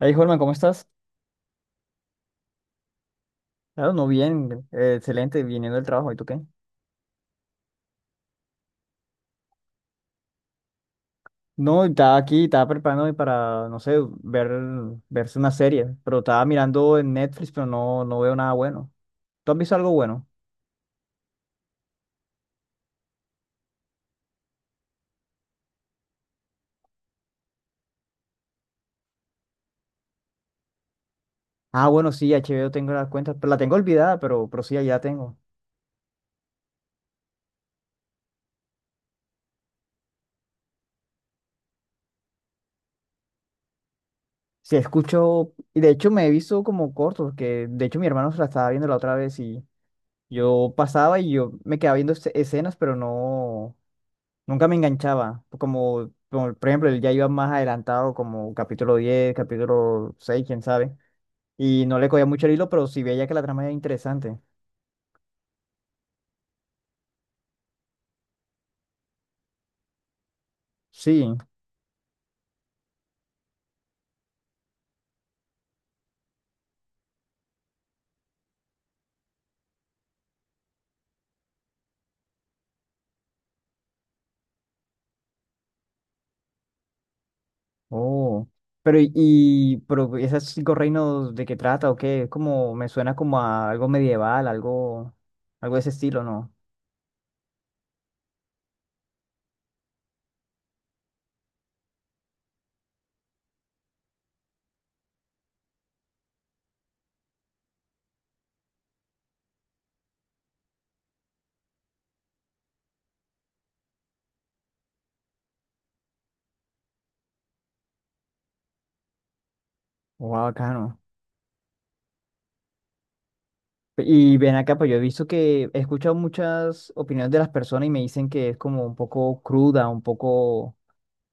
Hey, Holman, ¿cómo estás? Claro, no, bien, excelente, viniendo del trabajo, ¿y tú qué? No, estaba aquí, estaba preparándome para, no sé, ver, verse una serie, pero estaba mirando en Netflix, pero no, no veo nada bueno. ¿Tú has visto algo bueno? Ah, bueno, sí, HBO tengo las cuentas, pero la tengo olvidada, pero sí, allá tengo. Sí, escucho, y de hecho me he visto como cortos, que de hecho mi hermano se la estaba viendo la otra vez y yo pasaba y yo me quedaba viendo escenas, pero no. Nunca me enganchaba, como, por ejemplo, él ya iba más adelantado, como capítulo 10 capítulo 6 quién sabe, y no le cogía mucho el hilo, pero sí veía que la trama era interesante. Sí, oh, pero esos cinco reinos de qué trata o qué, es como, me suena como a algo medieval, algo de ese estilo, ¿no? Wow, bacano. Y ven acá, pues yo he visto que he escuchado muchas opiniones de las personas y me dicen que es como un poco cruda, un poco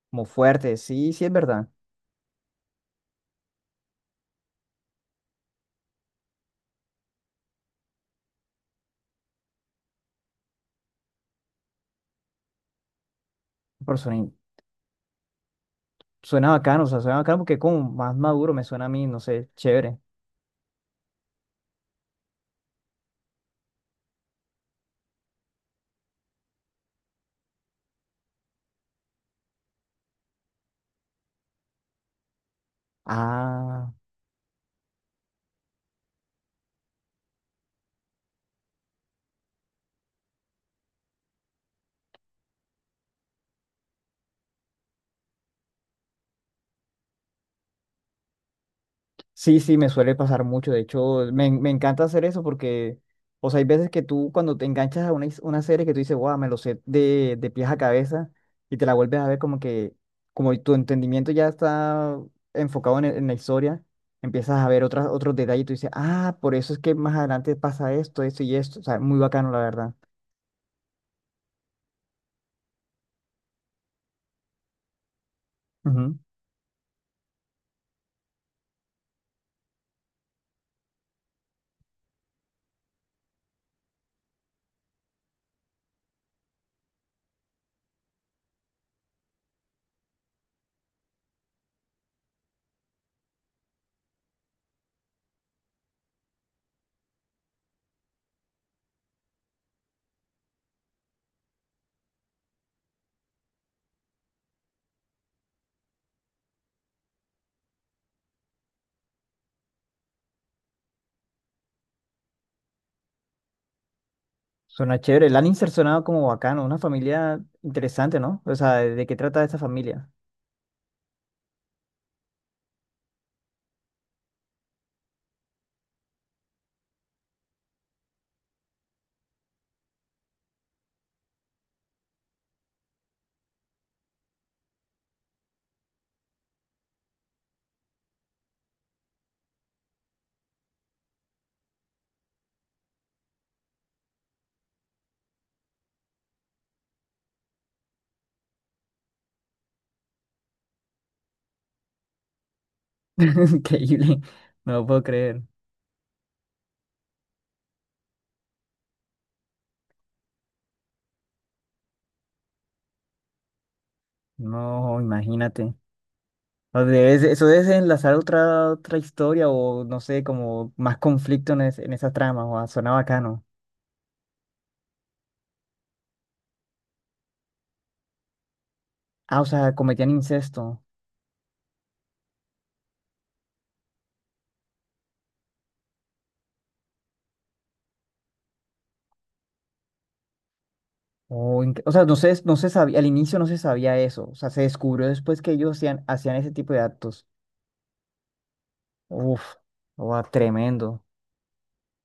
como fuerte, sí, sí es verdad. Pero suena, suena bacano, o sea, suena bacano porque como más maduro me suena a mí, no sé, chévere. Ah, sí, sí, me suele pasar mucho. De hecho, me encanta hacer eso porque, o sea, hay veces que tú cuando te enganchas a una, una serie que tú dices, wow, me lo sé de pies a cabeza y te la vuelves a ver como que, como tu entendimiento ya está enfocado en la historia, empiezas a ver otros detalles y tú dices, ah, por eso es que más adelante pasa esto, esto y esto. O sea, muy bacano, la verdad. Ujú. Suena chévere. La han insercionado como bacano. Una familia interesante, ¿no? O sea, ¿de qué trata esa familia? Increíble. No lo puedo creer. No, imagínate. Eso debe enlazar otra historia o no sé, como más conflicto en esa trama. O ah, suena bacano. Ah, o sea, cometían incesto. O sea, no se sabía, al inicio no se sabía eso. O sea, se descubrió después que ellos hacían ese tipo de actos. Uf, o ah, tremendo.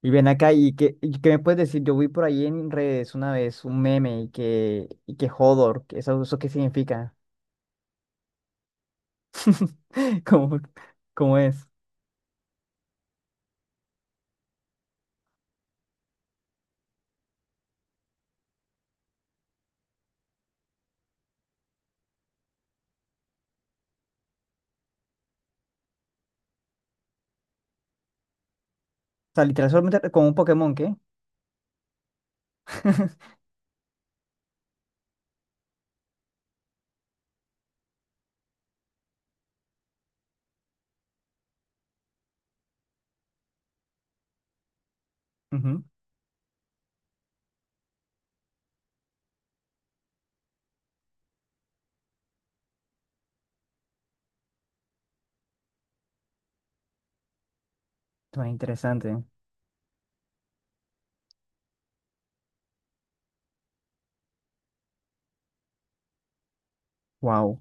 Y ven acá, ¿y qué me puedes decir? Yo vi por ahí en redes una vez un meme y que, Hodor, que ¿eso qué significa? ¿Cómo, cómo es? O sea, literal, solamente como un Pokémon, ¿qué? Ujú, suena interesante. Wow.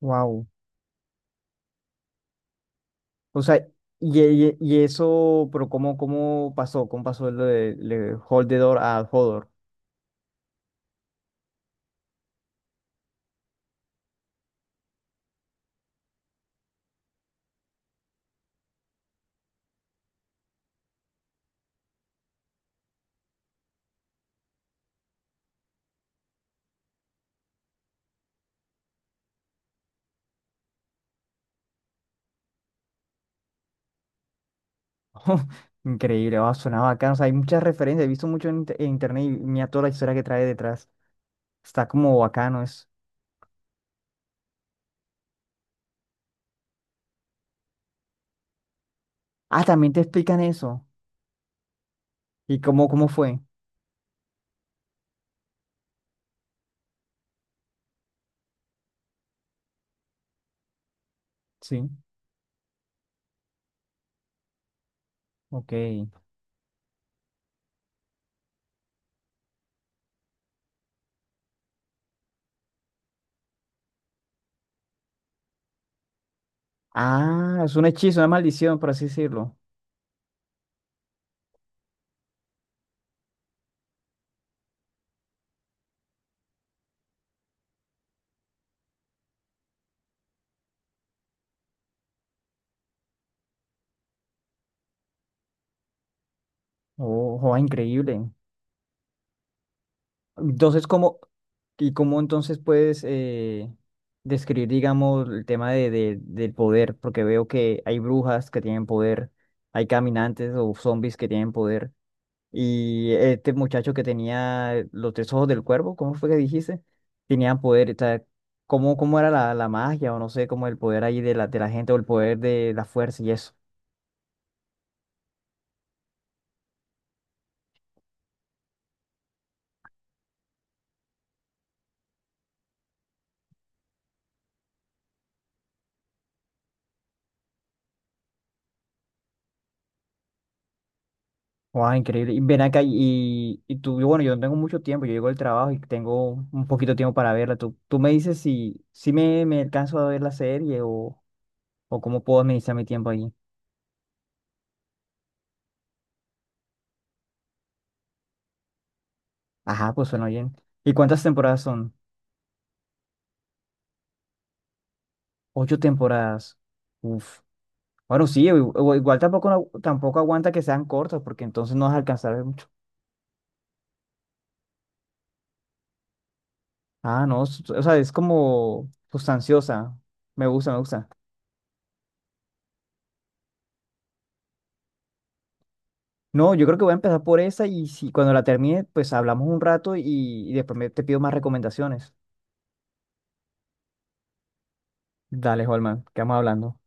Wow. O sea, y eso, pero ¿cómo pasó? ¿Cómo pasó lo de Hold the Door a Hodor? Increíble, ah, suena bacano. O sea, hay muchas referencias, he visto mucho en internet y mira toda la historia que trae detrás. Está como bacano, es. Ah, también te explican eso. ¿Y cómo fue? Sí, ok. Ah, es un hechizo, una maldición, por así decirlo. Oh, joa, increíble. Entonces, y cómo entonces puedes describir, digamos, el tema del poder? Porque veo que hay brujas que tienen poder, hay caminantes o zombies que tienen poder. Y este muchacho que tenía los tres ojos del cuervo, ¿cómo fue que dijiste? Tenían poder, o sea, ¿cómo era la magia o no sé, como el poder ahí de la gente o el poder de la fuerza y eso? Wow, increíble. Y ven acá y, tú, y bueno, yo no tengo mucho tiempo, yo llego del trabajo y tengo un poquito de tiempo para verla. Tú me dices si, si me alcanzo a ver la serie o cómo puedo administrar mi tiempo ahí. Ajá, pues suena bien. ¿Y cuántas temporadas son? Ocho temporadas. Uf. Bueno, sí, igual tampoco aguanta que sean cortos, porque entonces no vas a alcanzar a ver mucho. Ah, no, o sea, es como sustanciosa. Me gusta, me gusta. No, yo creo que voy a empezar por esa y si cuando la termine, pues hablamos un rato y después te pido más recomendaciones. Dale, Holman, quedamos hablando.